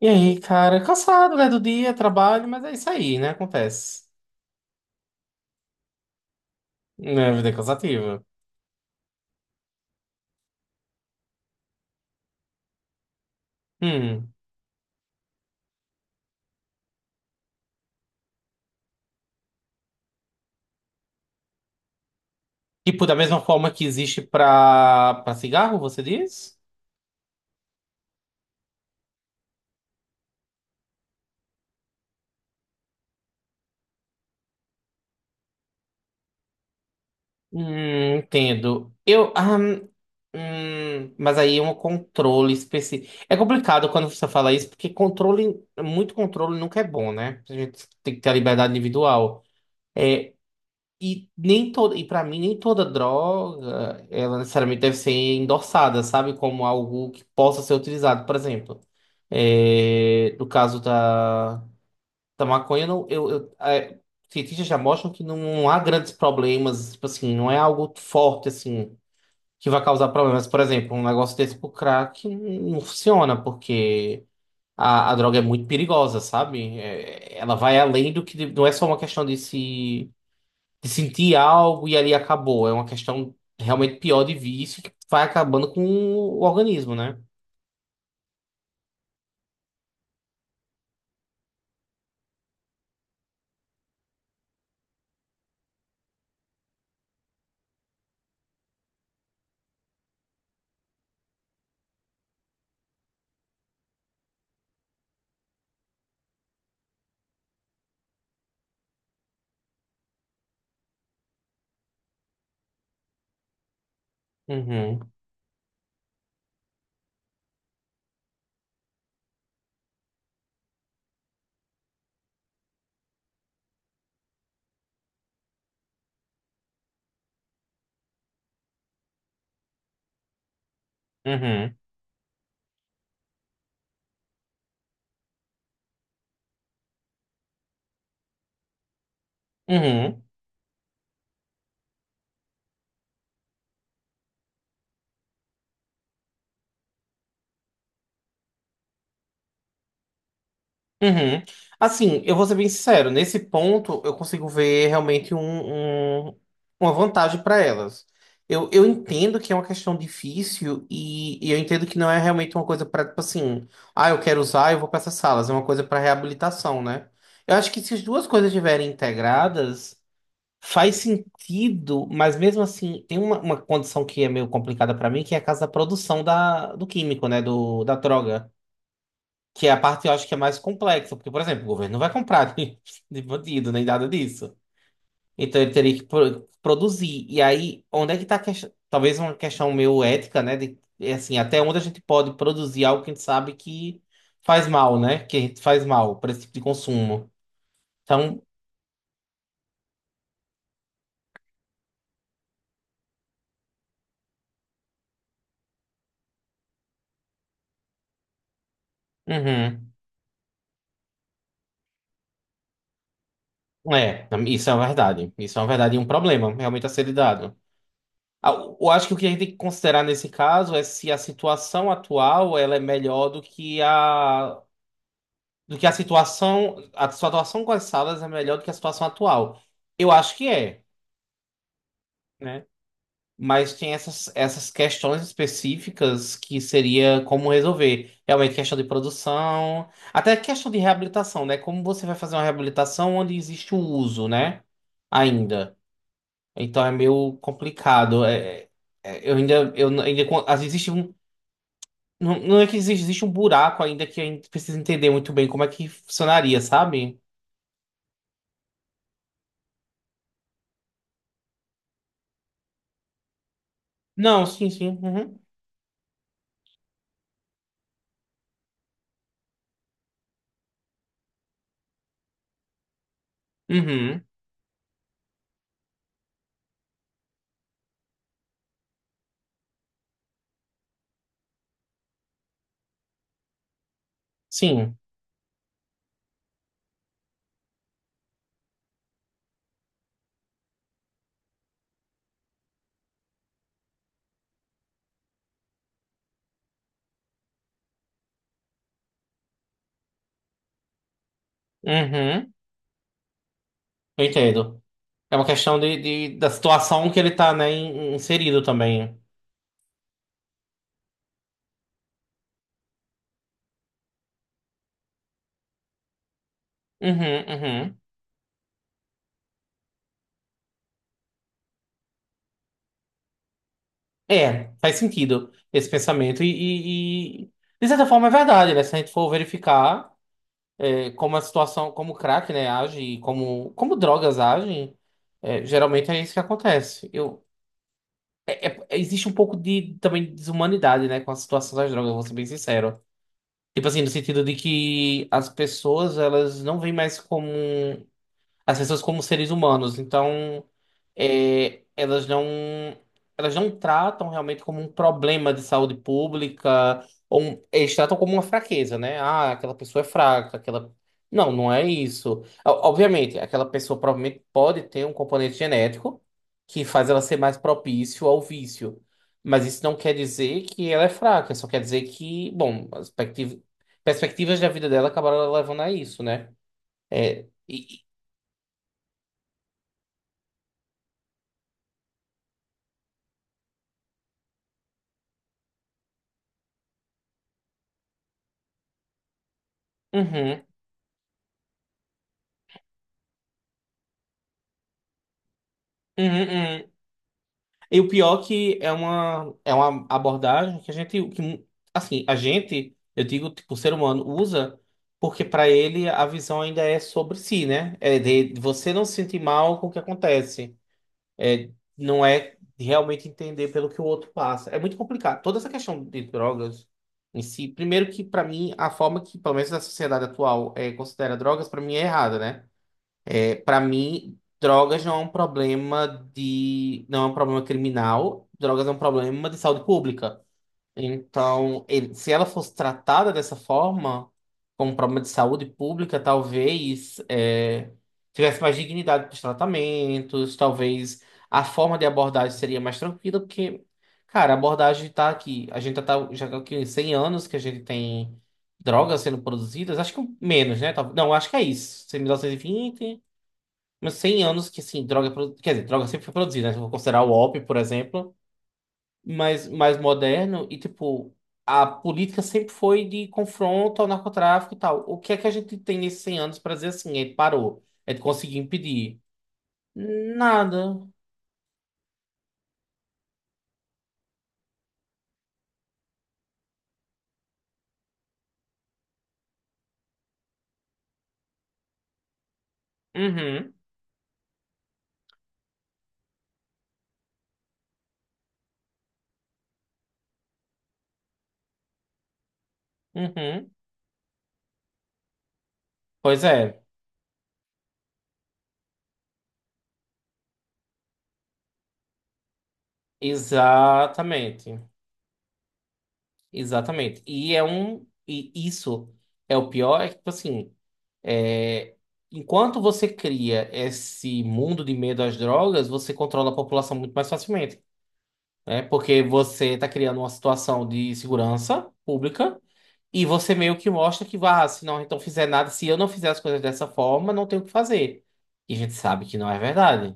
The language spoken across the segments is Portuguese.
E aí, cara, cansado, né, do dia, trabalho, mas é isso aí, né, acontece. É, vida é cansativa. Hum. Tipo, da mesma forma que existe pra cigarro, você diz? Entendo. Mas aí é um controle específico. É complicado quando você fala isso, porque controle, muito controle nunca é bom, né? A gente tem que ter a liberdade individual. É. E para mim nem toda droga, ela necessariamente deve ser endossada, sabe, como algo que possa ser utilizado, por exemplo. É, no caso da maconha, não, cientistas já mostram que não há grandes problemas, tipo assim, não é algo forte assim que vai causar problemas. Por exemplo, um negócio desse pro crack não funciona, porque a droga é muito perigosa, sabe? É, ela vai além do que não é só uma questão de se de sentir algo e ali acabou. É uma questão realmente pior de vício que vai acabando com o organismo, né? Uhum, uhum, uhum, uhum. Assim, eu vou ser bem sincero, nesse ponto eu consigo ver realmente um- uma vantagem para elas. Eu entendo que é uma questão difícil e eu entendo que não é realmente uma coisa para, tipo assim, eu quero usar, eu vou para essas salas, é uma coisa para reabilitação, né? Eu acho que se as duas coisas estiverem integradas, faz sentido, mas mesmo assim, tem uma condição que é meio complicada pra mim, que é a casa da produção da, do químico, né? Do, da droga. Que é a parte eu acho que é mais complexa. Porque, por exemplo, o governo não vai comprar de bandido, nem nada disso. Então ele teria que produzir. E aí, onde é que tá a questão? Talvez uma questão meio ética, né? É assim, até onde a gente pode produzir algo que a gente sabe que faz mal, né? Que a gente faz mal para esse tipo de consumo. Então, uhum. É, isso é uma verdade. Isso é uma verdade e um problema, realmente a ser lidado. Ah, Eu acho que o que a gente tem que considerar nesse caso é se a situação atual ela é melhor do que a situação com as salas é melhor do que a situação atual. Eu acho que é, né? Mas tem essas questões específicas que seria como resolver. Realmente questão de produção, até questão de reabilitação, né? Como você vai fazer uma reabilitação onde existe o uso, né? Ainda. Então é meio complicado. É, eu ainda, às vezes existe um, não, não é que existe, um buraco ainda que a gente precisa entender muito bem como é que funcionaria, sabe? Não, sim, sim. Uhum. Uhum. Sim. Uhum. Eu entendo. É uma questão da situação que ele tá, né, inserido também. Uhum, uhum. É, faz sentido esse pensamento. De certa forma, é verdade, né? Se a gente for verificar. Como a situação, como o crack, né, age e como drogas agem, é, geralmente é isso que acontece. Existe um pouco de também desumanidade, né, com a situação das drogas, vou ser bem sincero. Tipo assim, no sentido de que as pessoas, elas não veem mais como. Um as pessoas como seres humanos. Então, é, elas não elas não tratam realmente como um problema de saúde pública, ou eles tratam como uma fraqueza, né? Ah, aquela pessoa é fraca, aquela. Não, não é isso. Obviamente, aquela pessoa provavelmente pode ter um componente genético que faz ela ser mais propício ao vício. Mas isso não quer dizer que ela é fraca, só quer dizer que, bom, as perspectivas da vida dela acabaram levando a isso, né? É, e- e- Uhum. Uhum, uhum. E o pior que é uma abordagem que a gente, que, assim, a gente, eu digo, tipo, o ser humano usa porque para ele a visão ainda é sobre si, né? É de você não se sentir mal com o que acontece. É, não é realmente entender pelo que o outro passa. É muito complicado. Toda essa questão de drogas em si, primeiro que para mim a forma que, pelo menos na sociedade atual, considera drogas, para mim é errada, né? É, para mim, drogas não é um problema não é um problema criminal, drogas é um problema de saúde pública. Então, se ela fosse tratada dessa forma, como um problema de saúde pública, talvez tivesse mais dignidade para os tratamentos, talvez a forma de abordagem seria mais tranquila, porque, cara, a abordagem está aqui. A gente já tá aqui em 100 anos que a gente tem drogas sendo produzidas, acho que menos, né? Não, acho que é isso. 1920, mas 100 anos que, assim, droga... é produ- quer dizer, droga sempre foi produzida, né? Se eu for considerar o OP, por exemplo, mas mais moderno. E, tipo, a política sempre foi de confronto ao narcotráfico e tal. O que é que a gente tem nesses 100 anos para dizer assim? Ele parou. Ele conseguiu impedir. Nada. Uhum, uhum. Pois é. Exatamente. Exatamente. E isso é o pior, é que, tipo assim. É, enquanto você cria esse mundo de medo às drogas, você controla a população muito mais facilmente, né? Porque você está criando uma situação de segurança pública e você meio que mostra que, vá se não então fizer nada, se eu não fizer as coisas dessa forma, não tenho o que fazer. E a gente sabe que não é verdade.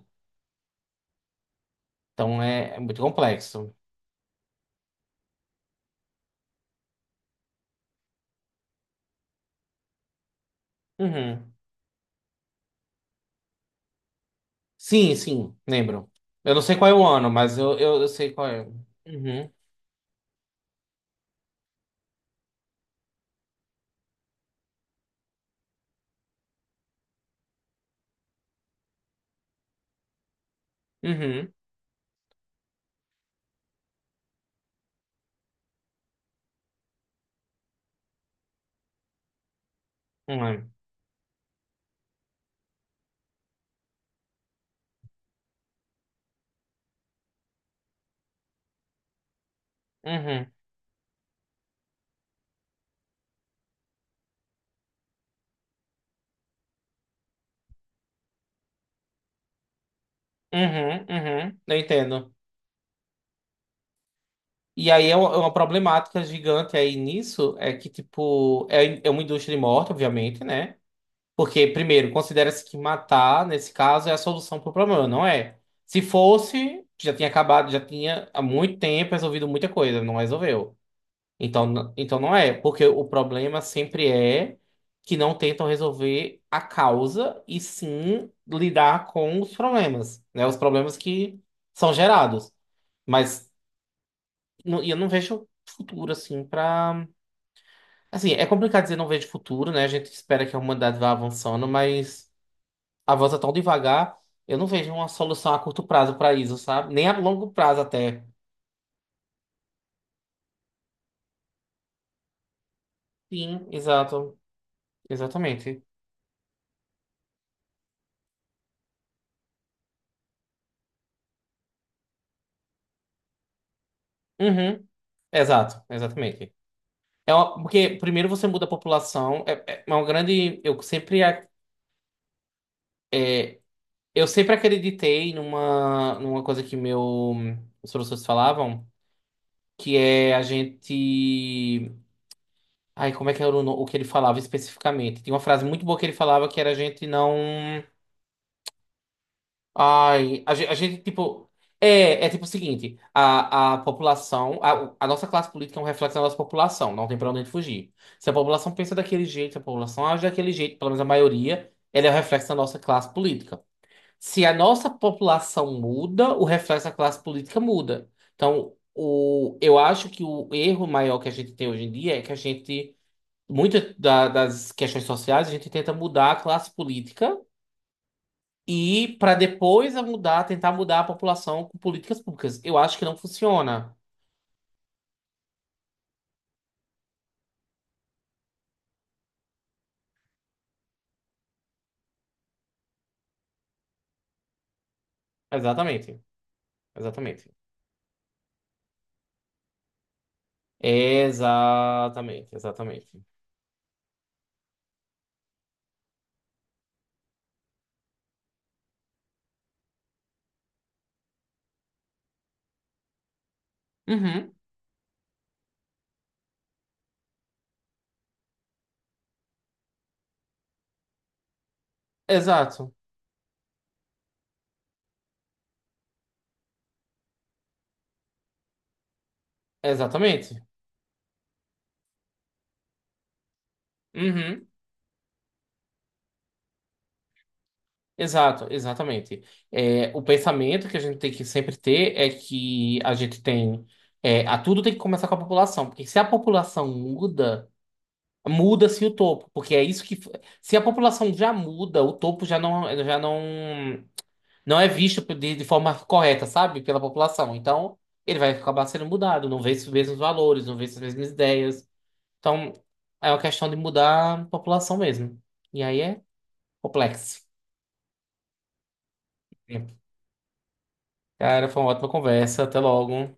Então é muito complexo. Uhum. Sim, sim, lembro. Eu não sei qual é o ano, mas eu sei qual é. Uhum, uhum, uhum, uhum, uhum, uhum. Eu entendo. E aí é uma problemática gigante aí nisso, é que, tipo, é uma indústria de morte, obviamente, né? Porque, primeiro, considera-se que matar, nesse caso, é a solução para o problema, não é? Se fosse, já tinha acabado, já tinha há muito tempo resolvido muita coisa, não resolveu. Então, então não é, porque o problema sempre é que não tentam resolver a causa e sim lidar com os problemas, né? Os problemas que são gerados. Mas e eu não vejo futuro, assim, pra. Assim, é complicado dizer não vejo futuro, né? A gente espera que a humanidade vá avançando, mas a volta tão devagar, eu não vejo uma solução a curto prazo pra isso, sabe? Nem a longo prazo até. Sim, exato. Exatamente. Uhum. Exato, exatamente. Porque primeiro você muda a população, é uma grande. É, eu sempre acreditei numa coisa que meu, os professores falavam, que é a gente. Ai, como é que era o, no- o que ele falava especificamente? Tinha uma frase muito boa que ele falava que era a gente não. Ai, a gente tipo. É tipo o seguinte: a população. A nossa classe política é um reflexo da nossa população, não tem pra onde a gente fugir. Se a população pensa daquele jeito, se a população age daquele jeito, pelo menos a maioria, ela é o reflexo da nossa classe política. Se a nossa população muda, o reflexo da classe política muda. Então, eu acho que o erro maior que a gente tem hoje em dia é que a gente. Muitas das questões sociais a gente tenta mudar a classe política e para depois a mudar, tentar mudar a população com políticas públicas. Eu acho que não funciona. Exatamente. Exatamente. Exatamente. Exatamente. Uhum. Exato. Exatamente. Uhum. Exato, exatamente. É, o pensamento que a gente tem que sempre ter é que a gente tem. É, a tudo tem que começar com a população, porque se a população muda. Muda-se o topo, porque é isso que. Se a população já muda, o topo já não, não é visto de forma correta, sabe? Pela população. Então, ele vai acabar sendo mudado, não vê os mesmos valores, não vê as mesmas ideias. Então, é uma questão de mudar a população mesmo. E aí é complexo. Cara, foi uma ótima conversa. Até logo.